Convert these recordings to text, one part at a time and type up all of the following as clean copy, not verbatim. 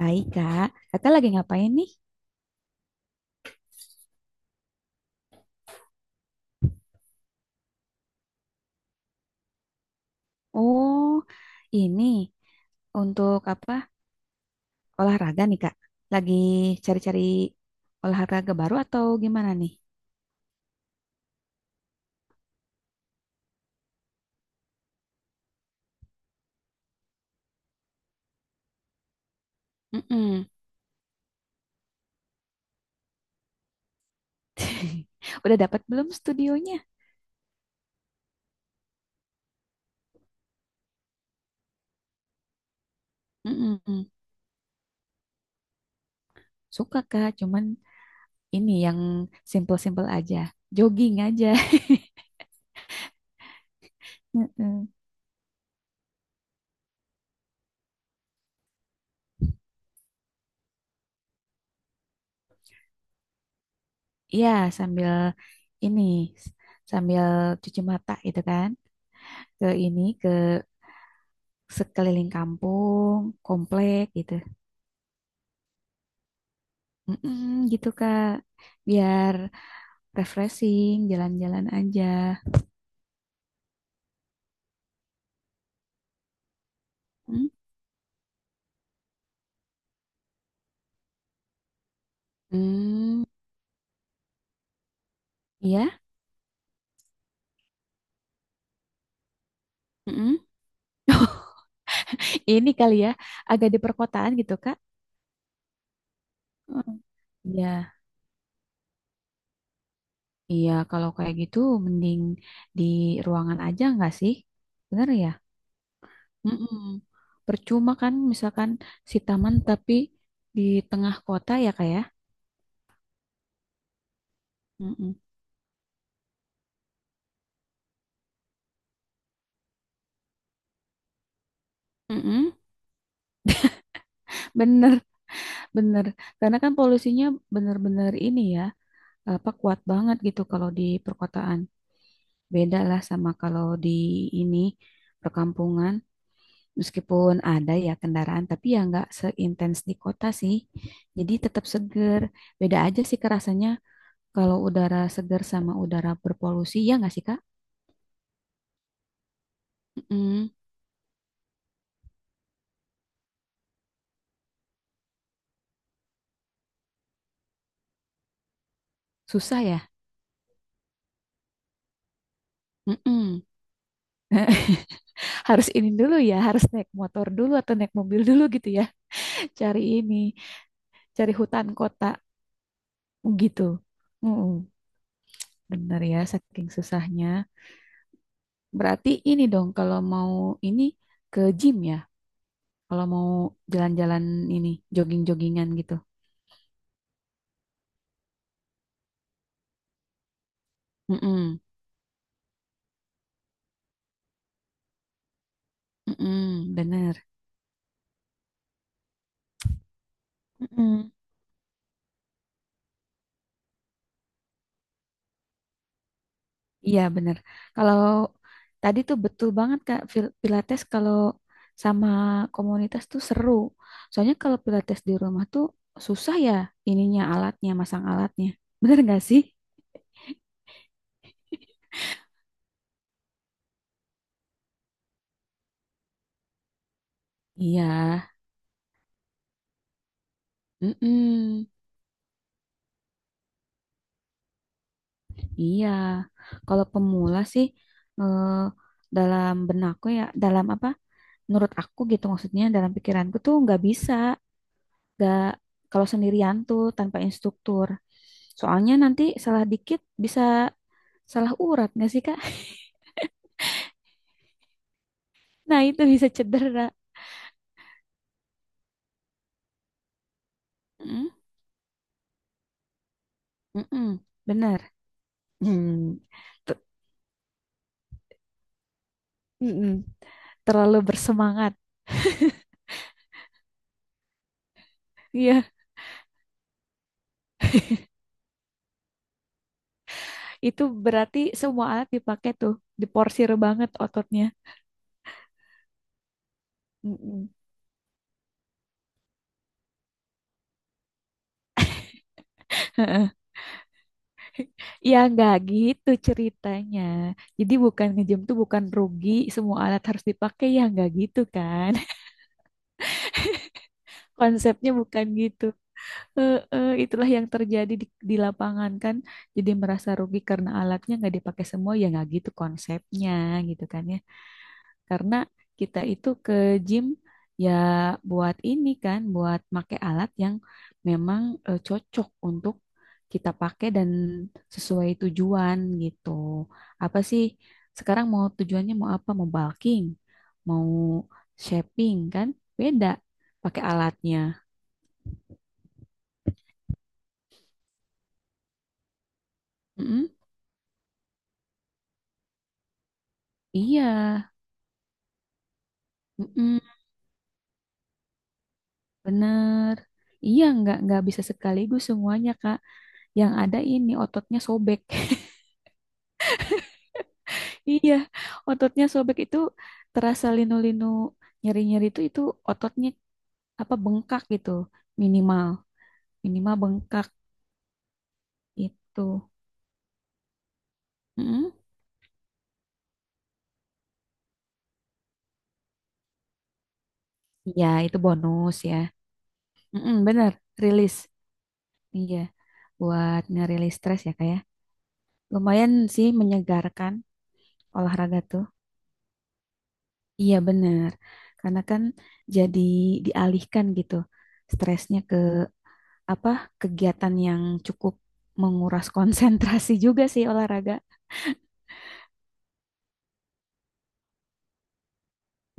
Baik, Kak. Kakak lagi ngapain nih? Oh, ini untuk apa? Olahraga nih, Kak. Lagi cari-cari olahraga baru atau gimana nih? Mm-mm. Udah dapat belum studionya? Mm-mm. Suka, Kak. Cuman ini yang simple-simple aja. Jogging aja. Mm-mm. Iya, sambil ini, s- sambil cuci mata gitu kan. Ke ini, ke sekeliling kampung, komplek gitu. Mm-mm, gitu Kak, biar refreshing, jalan-jalan aja. Mm? Hmm, ya. Mm-mm. Ini kali ya, agak di perkotaan gitu Kak. Mm. Iya, iya kalau kayak gitu mending di ruangan aja nggak sih? Bener ya? Mm-mm. Percuma kan misalkan si taman tapi di tengah kota ya Kak ya? Mm-mm. Mm-mm. Bener, bener. Karena kan polusinya bener-bener ini ya, apa, kuat banget gitu kalau di perkotaan. Beda lah sama kalau di ini perkampungan. Meskipun ada ya kendaraan, tapi ya nggak seintens di kota sih. Jadi tetap seger. Beda aja sih kerasanya kalau udara seger sama udara berpolusi. Ya nggak sih, Kak? Mm-mm. Susah ya? Mm-mm. Harus ini dulu ya, harus naik motor dulu atau naik mobil dulu gitu ya. Cari ini, cari hutan kota gitu. Mm-mm. Bener ya, saking susahnya. Berarti ini dong kalau mau ini ke gym ya, kalau mau jalan-jalan ini jogging-joggingan gitu. Mm-mm. Mm-mm, bener. Mm-mm. Iya bener. Kalau tadi tuh betul banget Kak, Pilates kalau sama komunitas tuh seru. Soalnya kalau Pilates di rumah tuh susah ya ininya alatnya, masang alatnya. Bener gak sih? Iya. Mm-mm. Iya, kalau pemula sih eh, dalam benakku ya, dalam apa? Menurut aku gitu maksudnya dalam pikiranku tuh nggak bisa, nggak kalau sendirian tuh tanpa instruktur. Soalnya nanti salah dikit bisa salah urat nggak sih Kak? Nah itu bisa cedera. Mm, mm-mm, bener. Hmm, ter- mm-mm, terlalu bersemangat. Iya, itu berarti semua alat dipakai tuh, diporsir banget ototnya. Mm-mm. Ya nggak gitu ceritanya. Jadi bukan ngejam tuh bukan rugi, semua alat harus dipakai ya nggak gitu kan. Konsepnya bukan gitu. Itulah yang terjadi di lapangan kan. Jadi merasa rugi karena alatnya nggak dipakai semua ya nggak gitu konsepnya gitu kan ya. Karena kita itu ke gym ya buat ini kan, buat make alat yang memang cocok untuk kita pakai dan sesuai tujuan gitu. Apa sih sekarang mau tujuannya mau apa? Mau bulking, mau shaping kan? Beda pakai alatnya. Mm-mm. Iya, mm-mm, bener. Iya, nggak bisa sekaligus semuanya, Kak. Yang ada ini ototnya sobek. Iya, ototnya sobek itu terasa linu-linu nyeri-nyeri itu ototnya apa bengkak gitu, minimal minimal bengkak itu. Mm-mm. Iya itu bonus ya. Mm-mm, bener rilis. Iya buat ngerilis stres ya kayak. Lumayan sih menyegarkan olahraga tuh. Iya bener karena kan jadi dialihkan gitu stresnya ke apa kegiatan yang cukup menguras konsentrasi juga sih olahraga.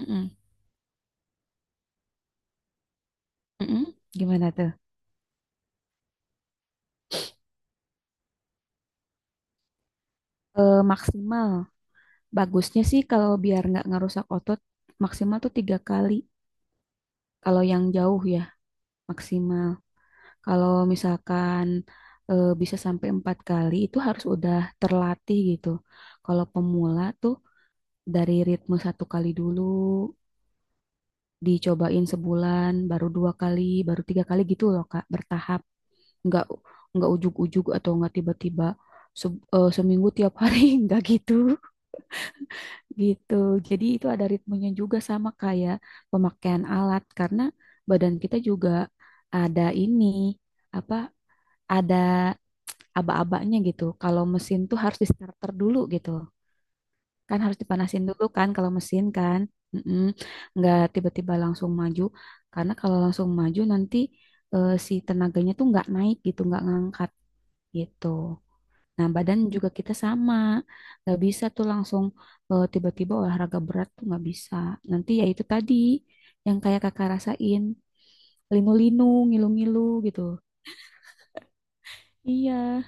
Mm-mm. Mm-mm. Gimana tuh? Maksimal. Bagusnya sih kalau biar nggak ngerusak otot, maksimal tuh tiga kali. Kalau yang jauh ya, maksimal. Kalau misalkan bisa sampai empat kali, itu harus udah terlatih gitu. Kalau pemula tuh dari ritme satu kali dulu, dicobain sebulan, baru dua kali, baru tiga kali gitu loh, Kak, bertahap. Nggak, nggak ujug-ujug atau nggak tiba-tiba seminggu tiap hari, nggak gitu. Gitu. Jadi itu ada ritmenya juga sama kayak pemakaian alat karena badan kita juga ada ini apa ada aba-abanya gitu. Kalau mesin tuh harus di starter dulu gitu. Kan harus dipanasin dulu kan kalau mesin kan. Mm-mm. Nggak tiba-tiba langsung maju karena kalau langsung maju nanti si tenaganya tuh nggak naik gitu, nggak ngangkat gitu. Nah, badan juga kita sama. Nggak bisa tuh langsung tiba-tiba olahraga berat tuh nggak bisa. Nanti ya itu tadi yang kayak kakak rasain, linu-linu, ngilu-ngilu gitu. Iya.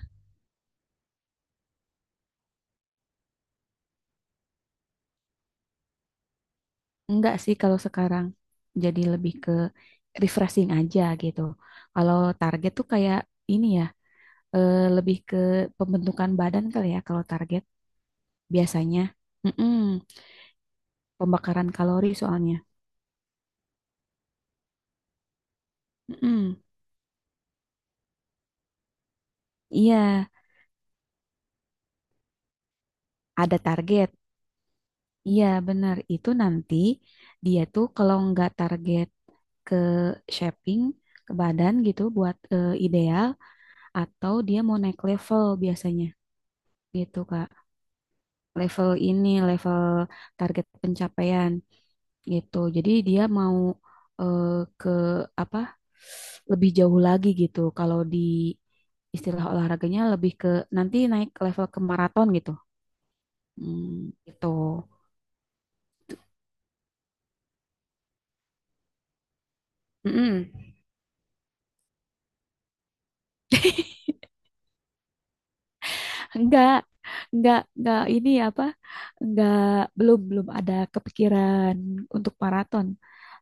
Enggak sih kalau sekarang jadi lebih ke refreshing aja gitu. Kalau target tuh kayak ini ya, lebih ke pembentukan badan kali ya kalau target biasanya. Mm-mm, pembakaran kalori soalnya. Mm-mm, iya, ada target. Iya benar itu nanti dia tuh kalau nggak target ke shaping ke badan gitu buat ideal atau dia mau naik level biasanya gitu Kak. Level ini level target pencapaian gitu. Jadi dia mau eh, ke apa lebih jauh lagi gitu. Kalau di istilah olahraganya lebih ke nanti naik level ke maraton gitu. Hmm, gitu. Mm-mm. Enggak, enggak ini apa? Enggak, belum belum ada kepikiran untuk maraton.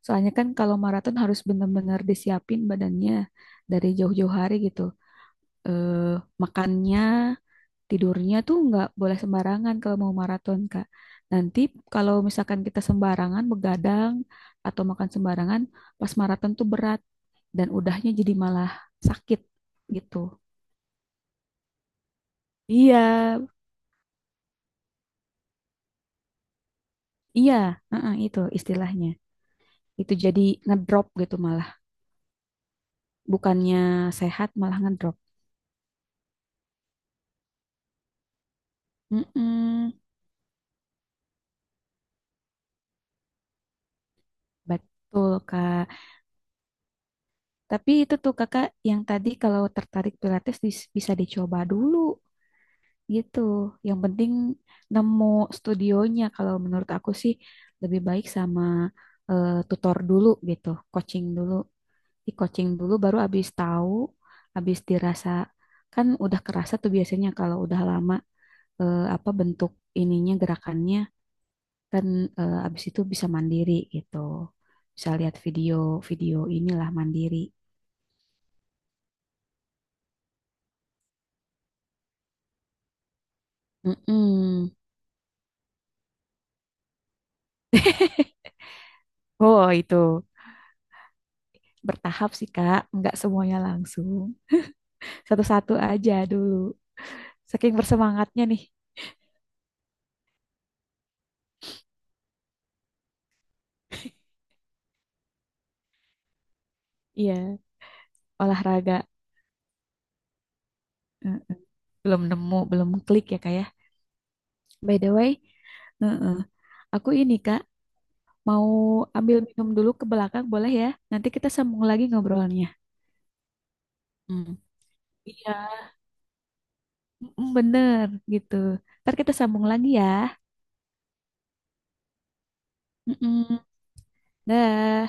Soalnya kan kalau maraton harus benar-benar disiapin badannya dari jauh-jauh hari gitu. Eh, makannya, tidurnya tuh enggak boleh sembarangan kalau mau maraton, Kak. Nanti kalau misalkan kita sembarangan begadang atau makan sembarangan, pas maraton tuh berat dan udahnya jadi malah sakit gitu. Iya, iya, heeh, itu istilahnya. Itu jadi ngedrop gitu malah bukannya sehat malah ngedrop. Mm-mm, betul kak. Tapi itu tuh kakak yang tadi kalau tertarik pilates bisa dicoba dulu gitu, yang penting nemu studionya. Kalau menurut aku sih lebih baik sama tutor dulu gitu, coaching dulu, di coaching dulu baru abis tahu, abis dirasa, kan udah kerasa tuh biasanya kalau udah lama apa bentuk ininya gerakannya kan, abis itu bisa mandiri gitu, bisa lihat video-video inilah mandiri. Mm-mm. Oh itu bertahap sih kak, nggak semuanya langsung, satu-satu aja dulu saking bersemangatnya nih. Iya, olahraga. Eh, belum nemu belum klik ya kak ya, by the way. Heeh. Aku ini Kak mau ambil minum dulu ke belakang boleh ya? Nanti kita sambung lagi ngobrolnya. Hmm. Iya, mm, bener gitu. Ntar kita sambung lagi ya. Mm-mm. Dah.